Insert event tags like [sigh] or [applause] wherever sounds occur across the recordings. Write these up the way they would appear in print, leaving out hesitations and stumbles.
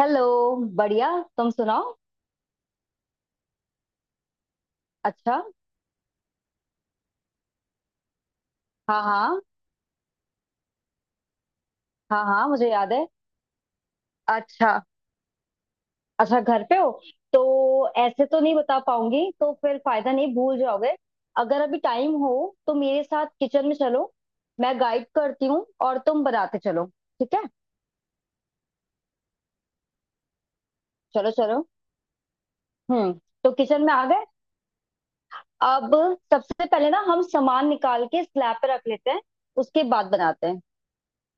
Hello. बढ़िया। तुम सुनाओ। अच्छा। हाँ हाँ। हाँ हाँ, मुझे याद है। अच्छा। अच्छा, घर पे हो तो ऐसे तो नहीं बता पाऊंगी। तो फिर फायदा नहीं, भूल जाओगे। अगर अभी टाइम हो तो मेरे साथ किचन में चलो। मैं गाइड करती हूँ और तुम बनाते चलो। ठीक है। चलो चलो। हम्म। तो किचन में आ गए। अब सबसे पहले ना हम सामान निकाल के स्लैब पे रख लेते हैं। उसके बाद बनाते हैं।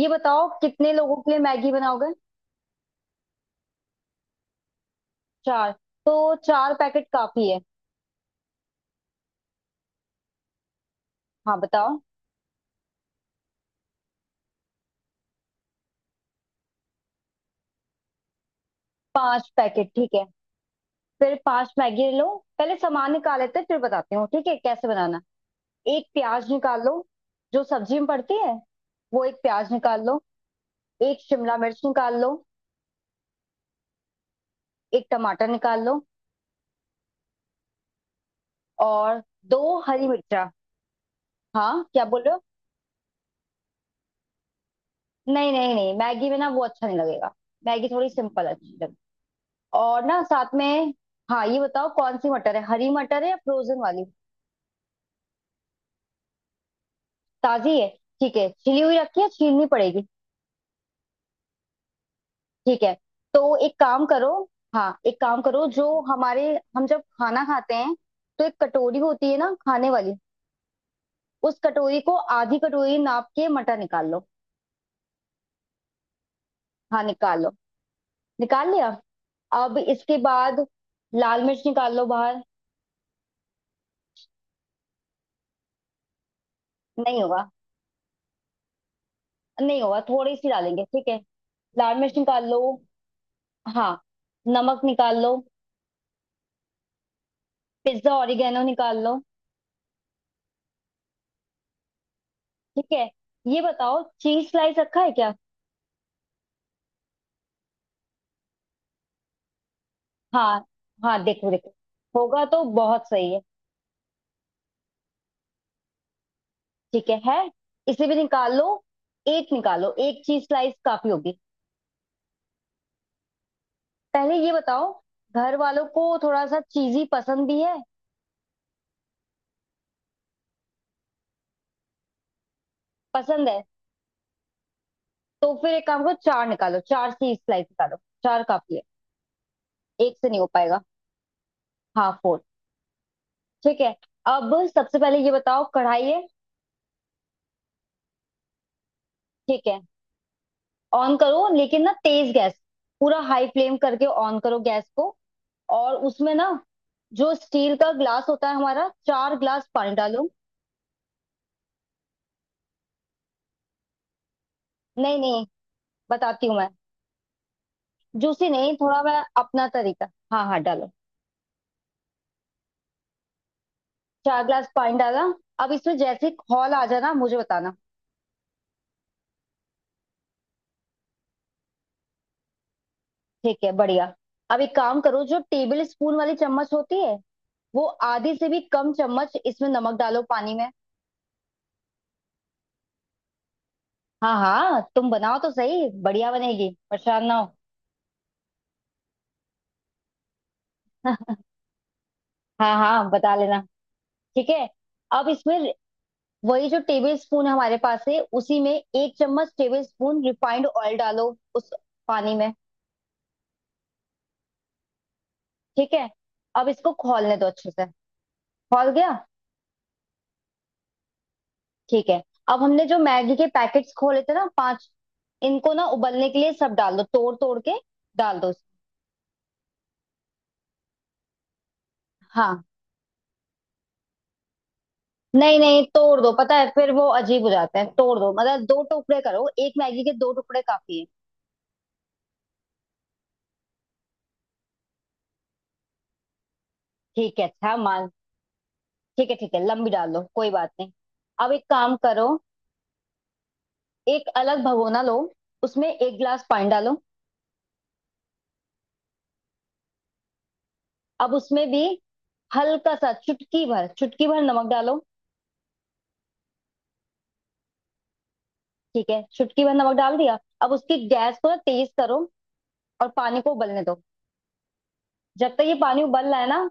ये बताओ कितने लोगों के लिए मैगी बनाओगे। चार। तो चार पैकेट काफी है। हाँ बताओ। पांच पैकेट ठीक है। फिर पांच मैगी लो। पहले सामान निकाल लेते हैं, फिर बताती हूँ ठीक है कैसे बनाना। एक प्याज निकाल लो, जो सब्जी में पड़ती है वो, एक प्याज निकाल लो। एक शिमला मिर्च निकाल लो। एक टमाटर निकाल लो। और दो हरी मिर्चा। हाँ क्या बोल रहे हो? नहीं नहीं नहीं, मैगी में ना वो अच्छा नहीं लगेगा। मैगी थोड़ी सिंपल अच्छी लगेगी। और ना साथ में। हाँ ये बताओ कौन सी मटर है, हरी मटर है या फ्रोजन वाली? ताजी है। ठीक है। छिली हुई रखी है, छीलनी पड़ेगी? ठीक है तो एक काम करो। हाँ एक काम करो जो हमारे, हम जब खाना खाते हैं तो एक कटोरी होती है ना खाने वाली, उस कटोरी को आधी कटोरी नाप के मटर निकाल लो। हाँ निकाल लो। निकाल लिया। अब इसके बाद लाल मिर्च निकाल लो बाहर। नहीं होगा। नहीं होगा, थोड़ी सी डालेंगे ठीक है। लाल मिर्च निकाल लो। हाँ। नमक निकाल लो। पिज्जा ऑरिगेनो निकाल लो। ठीक है। ये बताओ चीज स्लाइस रखा है क्या? हाँ हाँ देखो देखो, होगा तो बहुत सही है। ठीक है, है। इसे भी निकाल लो। एक निकालो, एक चीज स्लाइस काफी होगी। पहले ये बताओ, घर वालों को थोड़ा सा चीजी पसंद भी है? पसंद है तो फिर एक काम करो, चार निकालो, चार चीज स्लाइस निकालो। चार काफी है। एक से नहीं हो पाएगा। हाँ फोर। ठीक है। अब सबसे पहले ये बताओ, कढ़ाई है? ठीक है, ऑन करो लेकिन ना तेज गैस। पूरा हाई फ्लेम करके ऑन करो गैस को। और उसमें ना, जो स्टील का ग्लास होता है हमारा, 4 ग्लास पानी डालो। नहीं नहीं। बताती हूँ मैं। जूसी नहीं, थोड़ा मैं अपना तरीका। हाँ हाँ डालो। 4 ग्लास पानी डाला। अब इसमें जैसे ही खौल आ जाना मुझे बताना। ठीक है बढ़िया। अब एक काम करो, जो टेबल स्पून वाली चम्मच होती है वो, आधी से भी कम चम्मच इसमें नमक डालो पानी में। हाँ हाँ तुम बनाओ तो सही, बढ़िया बनेगी, परेशान ना हो। [laughs] हाँ हाँ बता लेना। ठीक है। अब इसमें वही जो टेबल स्पून हमारे पास है, उसी में एक चम्मच टेबल स्पून रिफाइंड ऑयल डालो उस पानी में। ठीक है। अब इसको खौलने दो अच्छे से। खौल गया। ठीक है। अब हमने जो मैगी के पैकेट्स खोले थे ना, पांच, इनको ना उबलने के लिए सब डाल दो तोड़ तोड़ के। डाल दो। हाँ। नहीं नहीं, तोड़ दो, पता है फिर वो अजीब हो जाते हैं, तोड़ दो मतलब दो टुकड़े करो, एक मैगी के दो टुकड़े काफी है। ठीक है, अच्छा मान। ठीक है ठीक है, लंबी डाल दो कोई बात नहीं। अब एक काम करो, एक अलग भगोना लो, उसमें 1 गिलास पानी डालो। अब उसमें भी हल्का सा, चुटकी भर, चुटकी भर नमक डालो। ठीक है। चुटकी भर नमक डाल दिया। अब उसकी गैस को ना तेज करो और पानी को उबलने दो। जब तक ये पानी उबल रहा है ना,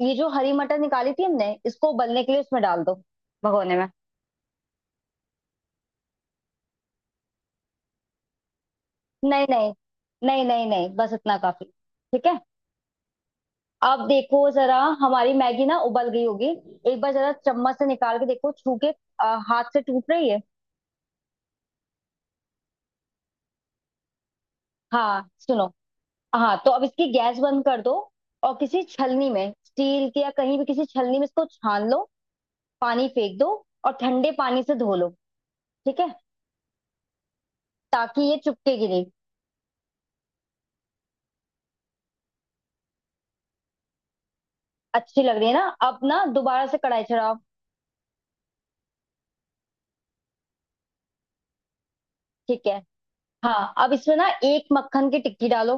ये जो हरी मटर निकाली थी हमने, इसको उबलने के लिए उसमें डाल दो, भगोने में। नहीं नहीं नहीं नहीं नहीं, बस इतना काफी। ठीक है। अब देखो जरा हमारी मैगी ना उबल गई होगी। एक बार जरा चम्मच से निकाल के देखो, छू के हाथ से टूट रही है। हाँ सुनो। हाँ तो अब इसकी गैस बंद कर दो और किसी छलनी में, स्टील के या कहीं भी किसी छलनी में, इसको छान लो। पानी फेंक दो और ठंडे पानी से धो लो। ठीक है, ताकि ये चिपकेगी नहीं। अच्छी लग रही है ना। अब ना दोबारा से कढ़ाई चढ़ाओ। ठीक है। हाँ अब इसमें ना एक मक्खन की टिक्की डालो,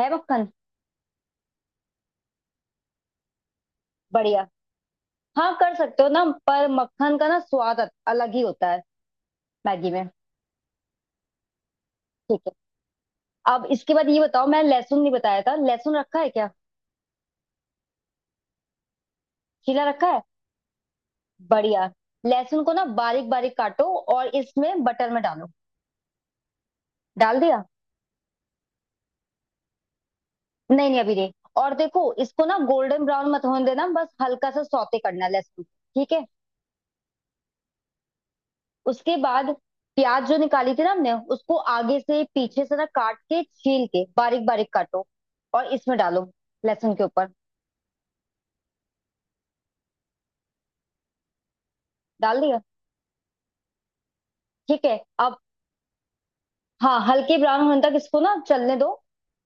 है मक्खन? बढ़िया। हाँ कर सकते हो ना, पर मक्खन का ना स्वाद अलग ही होता है। मैगी में ठीक है। अब इसके बाद ये बताओ, मैं लहसुन नहीं बताया था, लहसुन रखा है क्या? छीला रखा है, बढ़िया। लहसुन को ना बारीक बारीक काटो और इसमें बटर में डालो। डाल दिया। नहीं नहीं अभी नहीं। और देखो इसको ना गोल्डन ब्राउन मत होने देना, बस हल्का सा सौते करना है लहसुन को। ठीक है। उसके बाद प्याज जो निकाली थी ना हमने, उसको आगे से पीछे से ना काट के, छील के बारीक बारीक काटो और इसमें डालो लहसुन के ऊपर। डाल दिया। ठीक है अब। हाँ हल्के ब्राउन होने तक इसको ना चलने दो।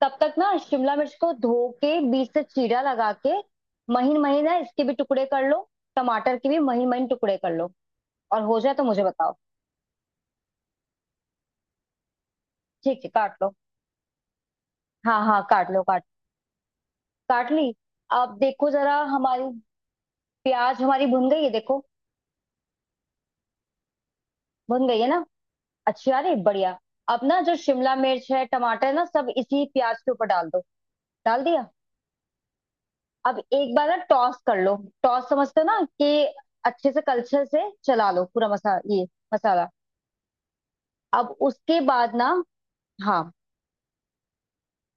तब तक ना शिमला मिर्च को धो के बीच से चीरा लगा के, महीन महीन ना इसके भी टुकड़े कर लो। टमाटर के भी महीन महीन टुकड़े कर लो। और हो जाए तो मुझे बताओ। ठीक है काट लो। हाँ हाँ काट लो काट। काट ली। अब देखो जरा हमारी प्याज, हमारी भुन गई है देखो। भुन गई है ना। अच्छा, अरे बढ़िया। अब ना जो शिमला मिर्च है, टमाटर है ना, सब इसी प्याज के ऊपर डाल दो। डाल दिया। अब एक बार ना टॉस कर लो। टॉस समझते हो ना, कि अच्छे से कलछे से चला लो पूरा मसाला। अब उसके बाद ना। हाँ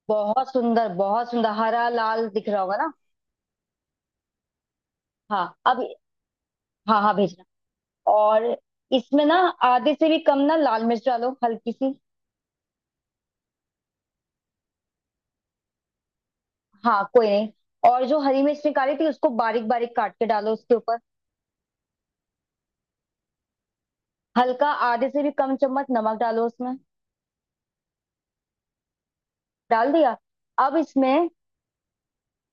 बहुत सुंदर, बहुत सुंदर, हरा लाल दिख रहा होगा ना। हाँ अब। हाँ हाँ भेजना। और इसमें ना आधे से भी कम ना लाल मिर्च डालो, हल्की सी। हाँ कोई नहीं। और जो हरी मिर्च निकाली थी उसको बारीक बारीक काट के डालो उसके ऊपर। हल्का आधे से भी कम चम्मच नमक डालो उसमें। डाल दिया। अब इसमें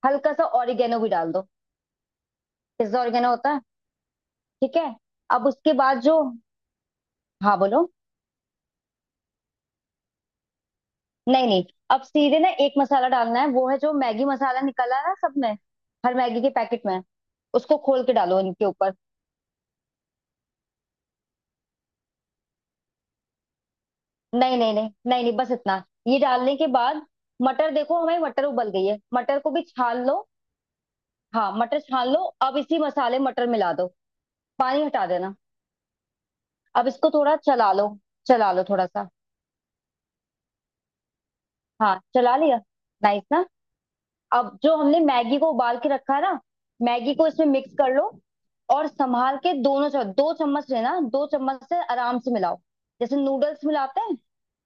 हल्का सा ऑरिगेनो भी डाल दो, पिज्जा ऑरिगेनो होता है। ठीक है। अब उसके बाद जो, हाँ बोलो। नहीं नहीं, अब सीधे ना एक मसाला डालना है, वो है जो मैगी मसाला निकला है ना सब में, हर मैगी के पैकेट में। उसको खोल के डालो इनके ऊपर। नहीं नहीं नहीं नहीं नहीं, बस इतना। ये डालने के बाद, मटर देखो हमारी मटर उबल गई है, मटर को भी छान लो। हाँ मटर छान लो। अब इसी मसाले में मटर मिला दो, पानी हटा देना। अब इसको थोड़ा चला लो, चला लो थोड़ा सा। हाँ चला लिया। नाइस ना। अब जो हमने मैगी को उबाल के रखा है ना, मैगी को इसमें मिक्स कर लो। और संभाल के दोनों चम्मच, दो चम्मच लेना, दो चम्मच से आराम से मिलाओ, जैसे नूडल्स मिलाते हैं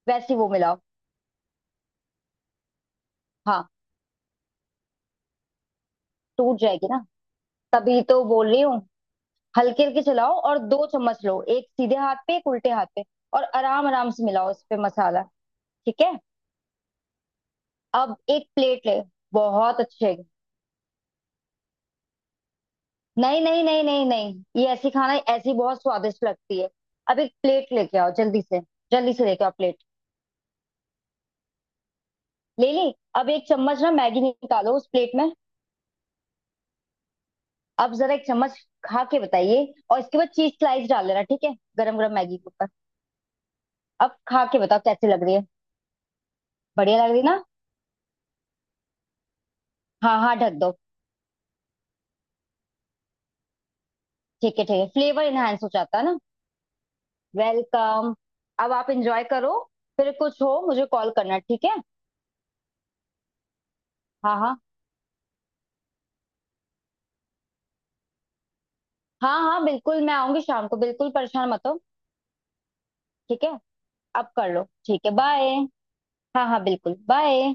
वैसे वो मिलाओ। हाँ टूट जाएगी ना, तभी तो बोल रही हूँ। हल्के हल्के चलाओ और दो चम्मच लो, एक सीधे हाथ पे एक उल्टे हाथ पे, और आराम आराम से मिलाओ इस पे मसाला। ठीक है। अब एक प्लेट ले। बहुत अच्छे। नहीं नहीं नहीं नहीं नहीं, ये ऐसी खाना ऐसी बहुत स्वादिष्ट लगती है। अब एक प्लेट लेके आओ जल्दी से, जल्दी से लेके आओ प्लेट। ले ली। अब एक चम्मच ना मैगी निकालो उस प्लेट में। अब जरा एक चम्मच खा के बताइए। और इसके बाद चीज स्लाइस डाल लेना ठीक है, गरम गरम मैगी के ऊपर। अब खा के बताओ कैसी लग रही है। बढ़िया लग रही ना। हाँ हाँ ढक दो। ठीक है ठीक है, फ्लेवर इनहेंस हो जाता है ना। वेलकम। अब आप इंजॉय करो। फिर कुछ हो मुझे कॉल करना ठीक है। हाँ हाँ। हाँ हाँ बिल्कुल, मैं आऊंगी शाम को, बिल्कुल परेशान मत हो। ठीक है, अब कर लो। ठीक है बाय। हाँ हाँ बिल्कुल बाय।